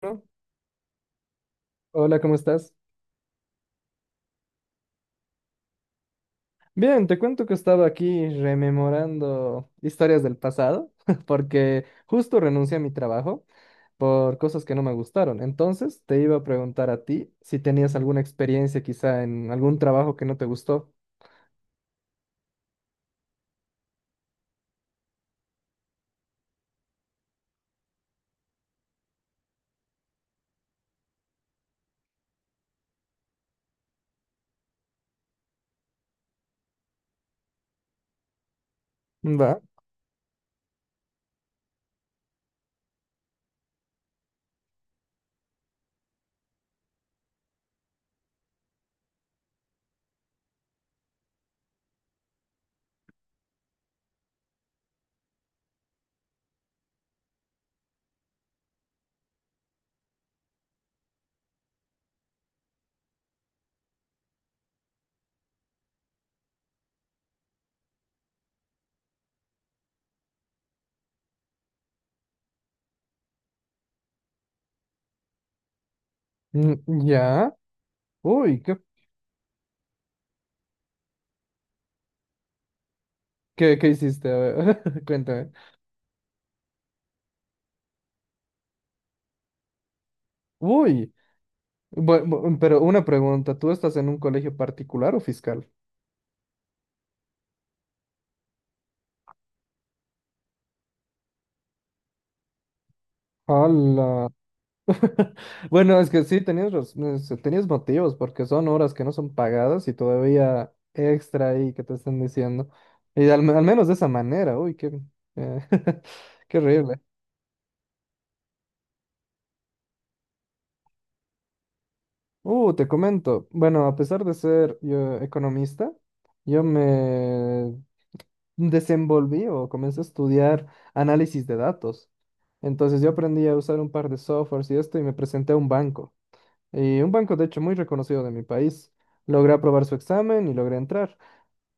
Bueno, hola, ¿cómo estás? Bien, te cuento que estaba aquí rememorando historias del pasado, porque justo renuncié a mi trabajo por cosas que no me gustaron. Entonces, te iba a preguntar a ti si tenías alguna experiencia quizá en algún trabajo que no te gustó. ¿Va? Mm, ¿ya? Uy, ¿ qué hiciste? A ver, cuéntame. Uy, pero una pregunta, ¿tú estás en un colegio particular o fiscal? Hola. Bueno, es que sí, tenías motivos, porque son horas que no son pagadas y todavía extra ahí que te están diciendo. Y al menos de esa manera, uy, qué, eh, qué horrible. Te comento, bueno, a pesar de ser yo economista, yo me desenvolví o comencé a estudiar análisis de datos. Entonces yo aprendí a usar un par de softwares y esto y me presenté a un banco. Y un banco, de hecho, muy reconocido de mi país. Logré aprobar su examen y logré entrar.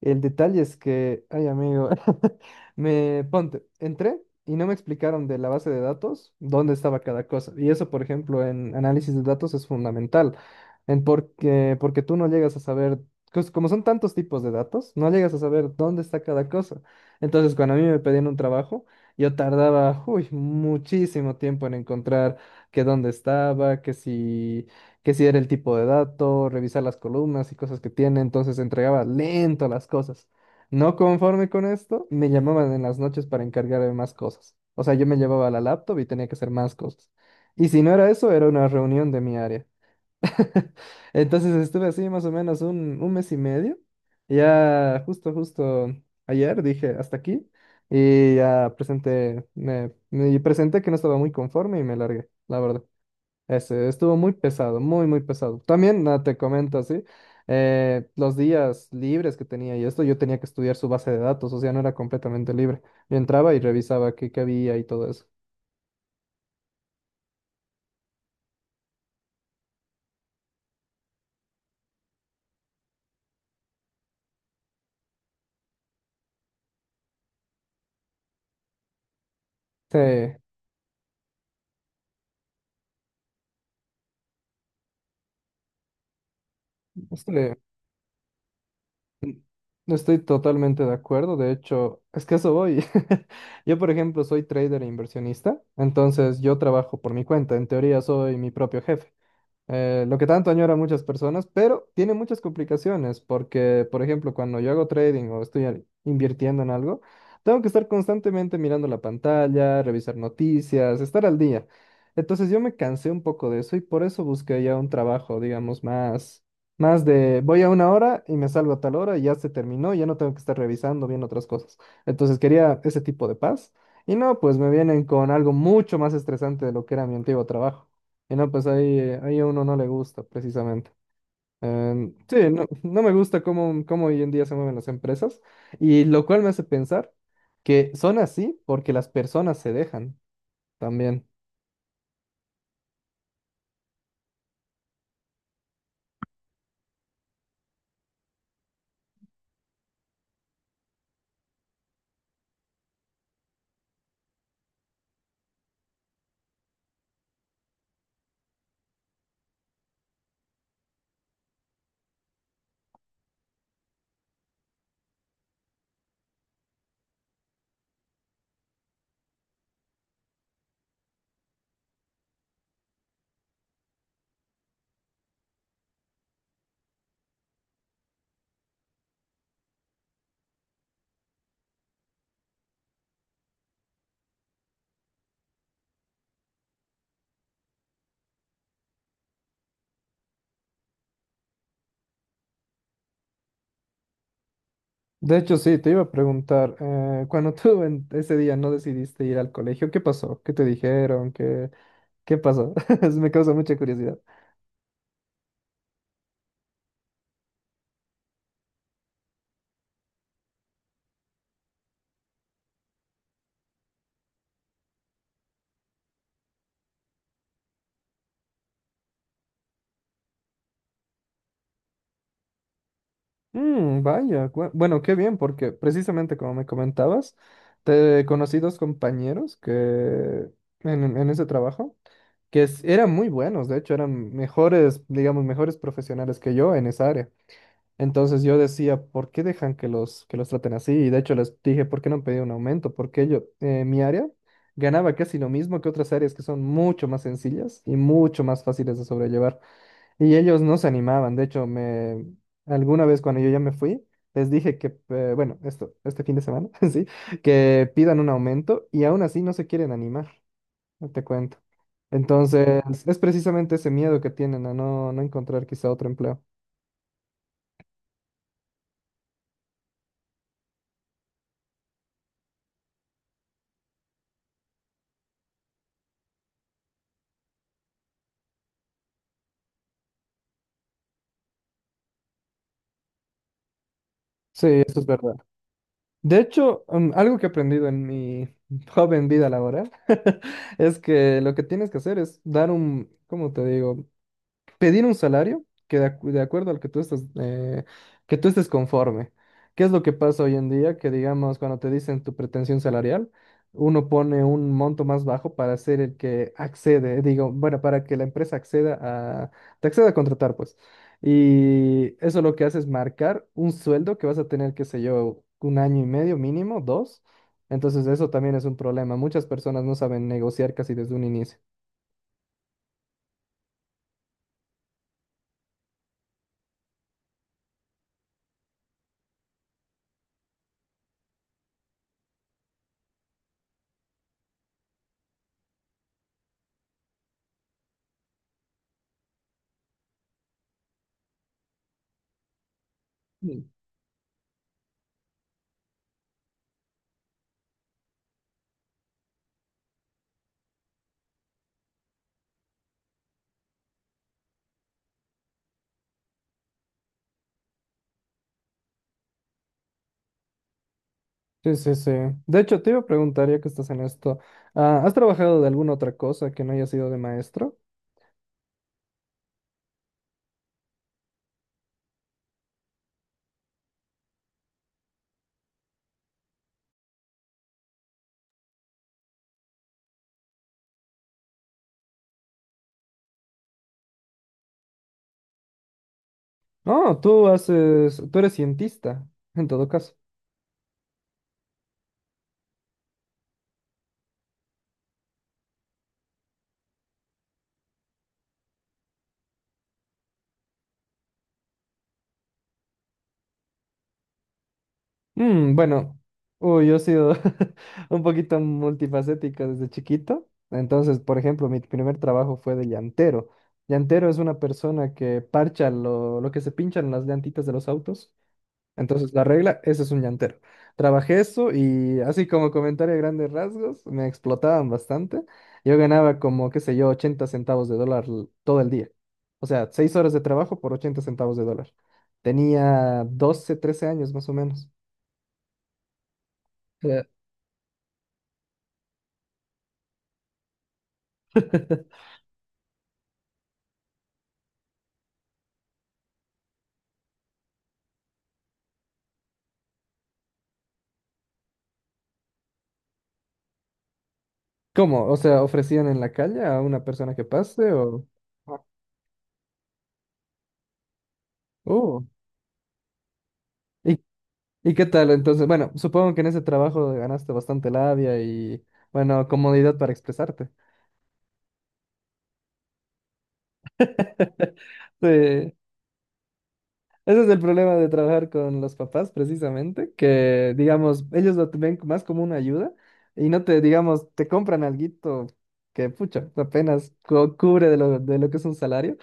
El detalle es que, ay amigo, me ponte, entré y no me explicaron de la base de datos dónde estaba cada cosa. Y eso, por ejemplo, en análisis de datos es fundamental, porque tú no llegas a saber, como son tantos tipos de datos, no llegas a saber dónde está cada cosa. Entonces, cuando a mí me pedían un trabajo, yo tardaba, uy, muchísimo tiempo en encontrar que dónde estaba, que si era el tipo de dato, revisar las columnas y cosas que tiene, entonces entregaba lento las cosas. No conforme con esto, me llamaban en las noches para encargarme más cosas. O sea, yo me llevaba la laptop y tenía que hacer más cosas. Y si no era eso, era una reunión de mi área. Entonces estuve así más o menos un mes y medio. Ya justo ayer dije hasta aquí y ya presenté, me presenté que no estaba muy conforme y me largué, la verdad. Ese estuvo muy pesado, muy pesado. También ah, te comento así, los días libres que tenía y esto, yo tenía que estudiar su base de datos, o sea, no era completamente libre. Yo entraba y revisaba qué había y todo eso. Sí, estoy, estoy totalmente de acuerdo. De hecho, es que eso voy. Yo, por ejemplo, soy trader e inversionista, entonces yo trabajo por mi cuenta. En teoría, soy mi propio jefe. Lo que tanto añoran muchas personas, pero tiene muchas complicaciones porque, por ejemplo, cuando yo hago trading o estoy invirtiendo en algo, tengo que estar constantemente mirando la pantalla, revisar noticias, estar al día. Entonces yo me cansé un poco de eso y por eso busqué ya un trabajo, digamos, más de voy a una hora y me salgo a tal hora y ya se terminó, ya no tengo que estar revisando bien otras cosas. Entonces quería ese tipo de paz y no, pues me vienen con algo mucho más estresante de lo que era mi antiguo trabajo. Y no, pues ahí, ahí a uno no le gusta, precisamente. Em, sí, no, no me gusta cómo hoy en día se mueven las empresas, y lo cual me hace pensar que son así porque las personas se dejan también. De hecho, sí, te iba a preguntar, cuando tú en ese día no decidiste ir al colegio, ¿qué pasó? ¿Qué te dijeron? ¿Qué, qué pasó? Me causa mucha curiosidad. Mm, vaya, bueno, qué bien, porque precisamente como me comentabas, te conocí dos compañeros que en ese trabajo. Eran muy buenos, de hecho, eran mejores, digamos, mejores profesionales que yo en esa área. Entonces yo decía, ¿por qué dejan que los traten así? Y de hecho les dije, ¿por qué no han pedido un aumento? Porque yo, mi área ganaba casi lo mismo que otras áreas que son mucho más sencillas y mucho más fáciles de sobrellevar. Y ellos no se animaban, de hecho, alguna vez cuando yo ya me fui, les dije que, bueno, esto, este fin de semana, sí, que pidan un aumento y aún así no se quieren animar no te cuento. Entonces, es precisamente ese miedo que tienen a no, no encontrar quizá otro empleo. Sí, eso es verdad. De hecho, mm, algo que he aprendido en mi joven vida laboral es que lo que tienes que hacer es dar un, ¿cómo te digo? Pedir un salario que de, de acuerdo al que tú estás, que tú estés conforme. ¿Qué es lo que pasa hoy en día? Que digamos, cuando te dicen tu pretensión salarial, uno pone un monto más bajo para ser el que accede, digo, bueno, para que la empresa acceda a, te acceda a contratar, pues. Y eso lo que hace es marcar un sueldo que vas a tener, qué sé yo, un año y medio mínimo, dos. Entonces eso también es un problema. Muchas personas no saben negociar casi desde un inicio. Sí, sí, sí. De hecho, te iba a preguntar, ya que estás en esto, ah, ¿has trabajado de alguna otra cosa que no haya sido de maestro? No, tú haces, tú eres cientista, en todo caso. Mm, bueno, uy, yo he sido un poquito multifacética desde chiquito. Entonces, por ejemplo, mi primer trabajo fue de llantero. Llantero es una persona que parcha lo que se pinchan las llantitas de los autos. Entonces, la regla, ese es un llantero. Trabajé eso y así como comentario a grandes rasgos, me explotaban bastante. Yo ganaba como, qué sé yo, 80 centavos de dólar todo el día. O sea, 6 horas de trabajo por 80 centavos de dólar. Tenía 12, 13 años más o menos. Eh, ¿cómo? O sea, ¿ofrecían en la calle a una persona que pase o...? Ah. Uh, ¿y, y qué tal? Entonces, bueno, supongo que en ese trabajo ganaste bastante labia y, bueno, comodidad para expresarte. Sí, ese es el problema de trabajar con los papás, precisamente, que, digamos, ellos lo ven más como una ayuda y no te, digamos, te compran alguito que, pucha, apenas cubre de de lo que es un salario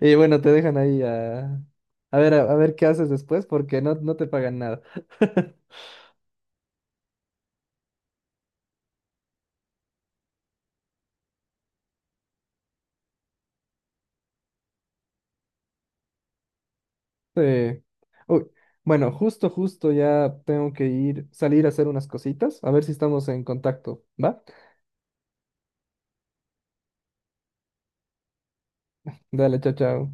y, bueno, te dejan ahí a, ver qué haces después porque no, no te pagan nada. Sí. Uy, bueno, justo ya tengo que ir, salir a hacer unas cositas, a ver si estamos en contacto, ¿va? Dale, chao, chao.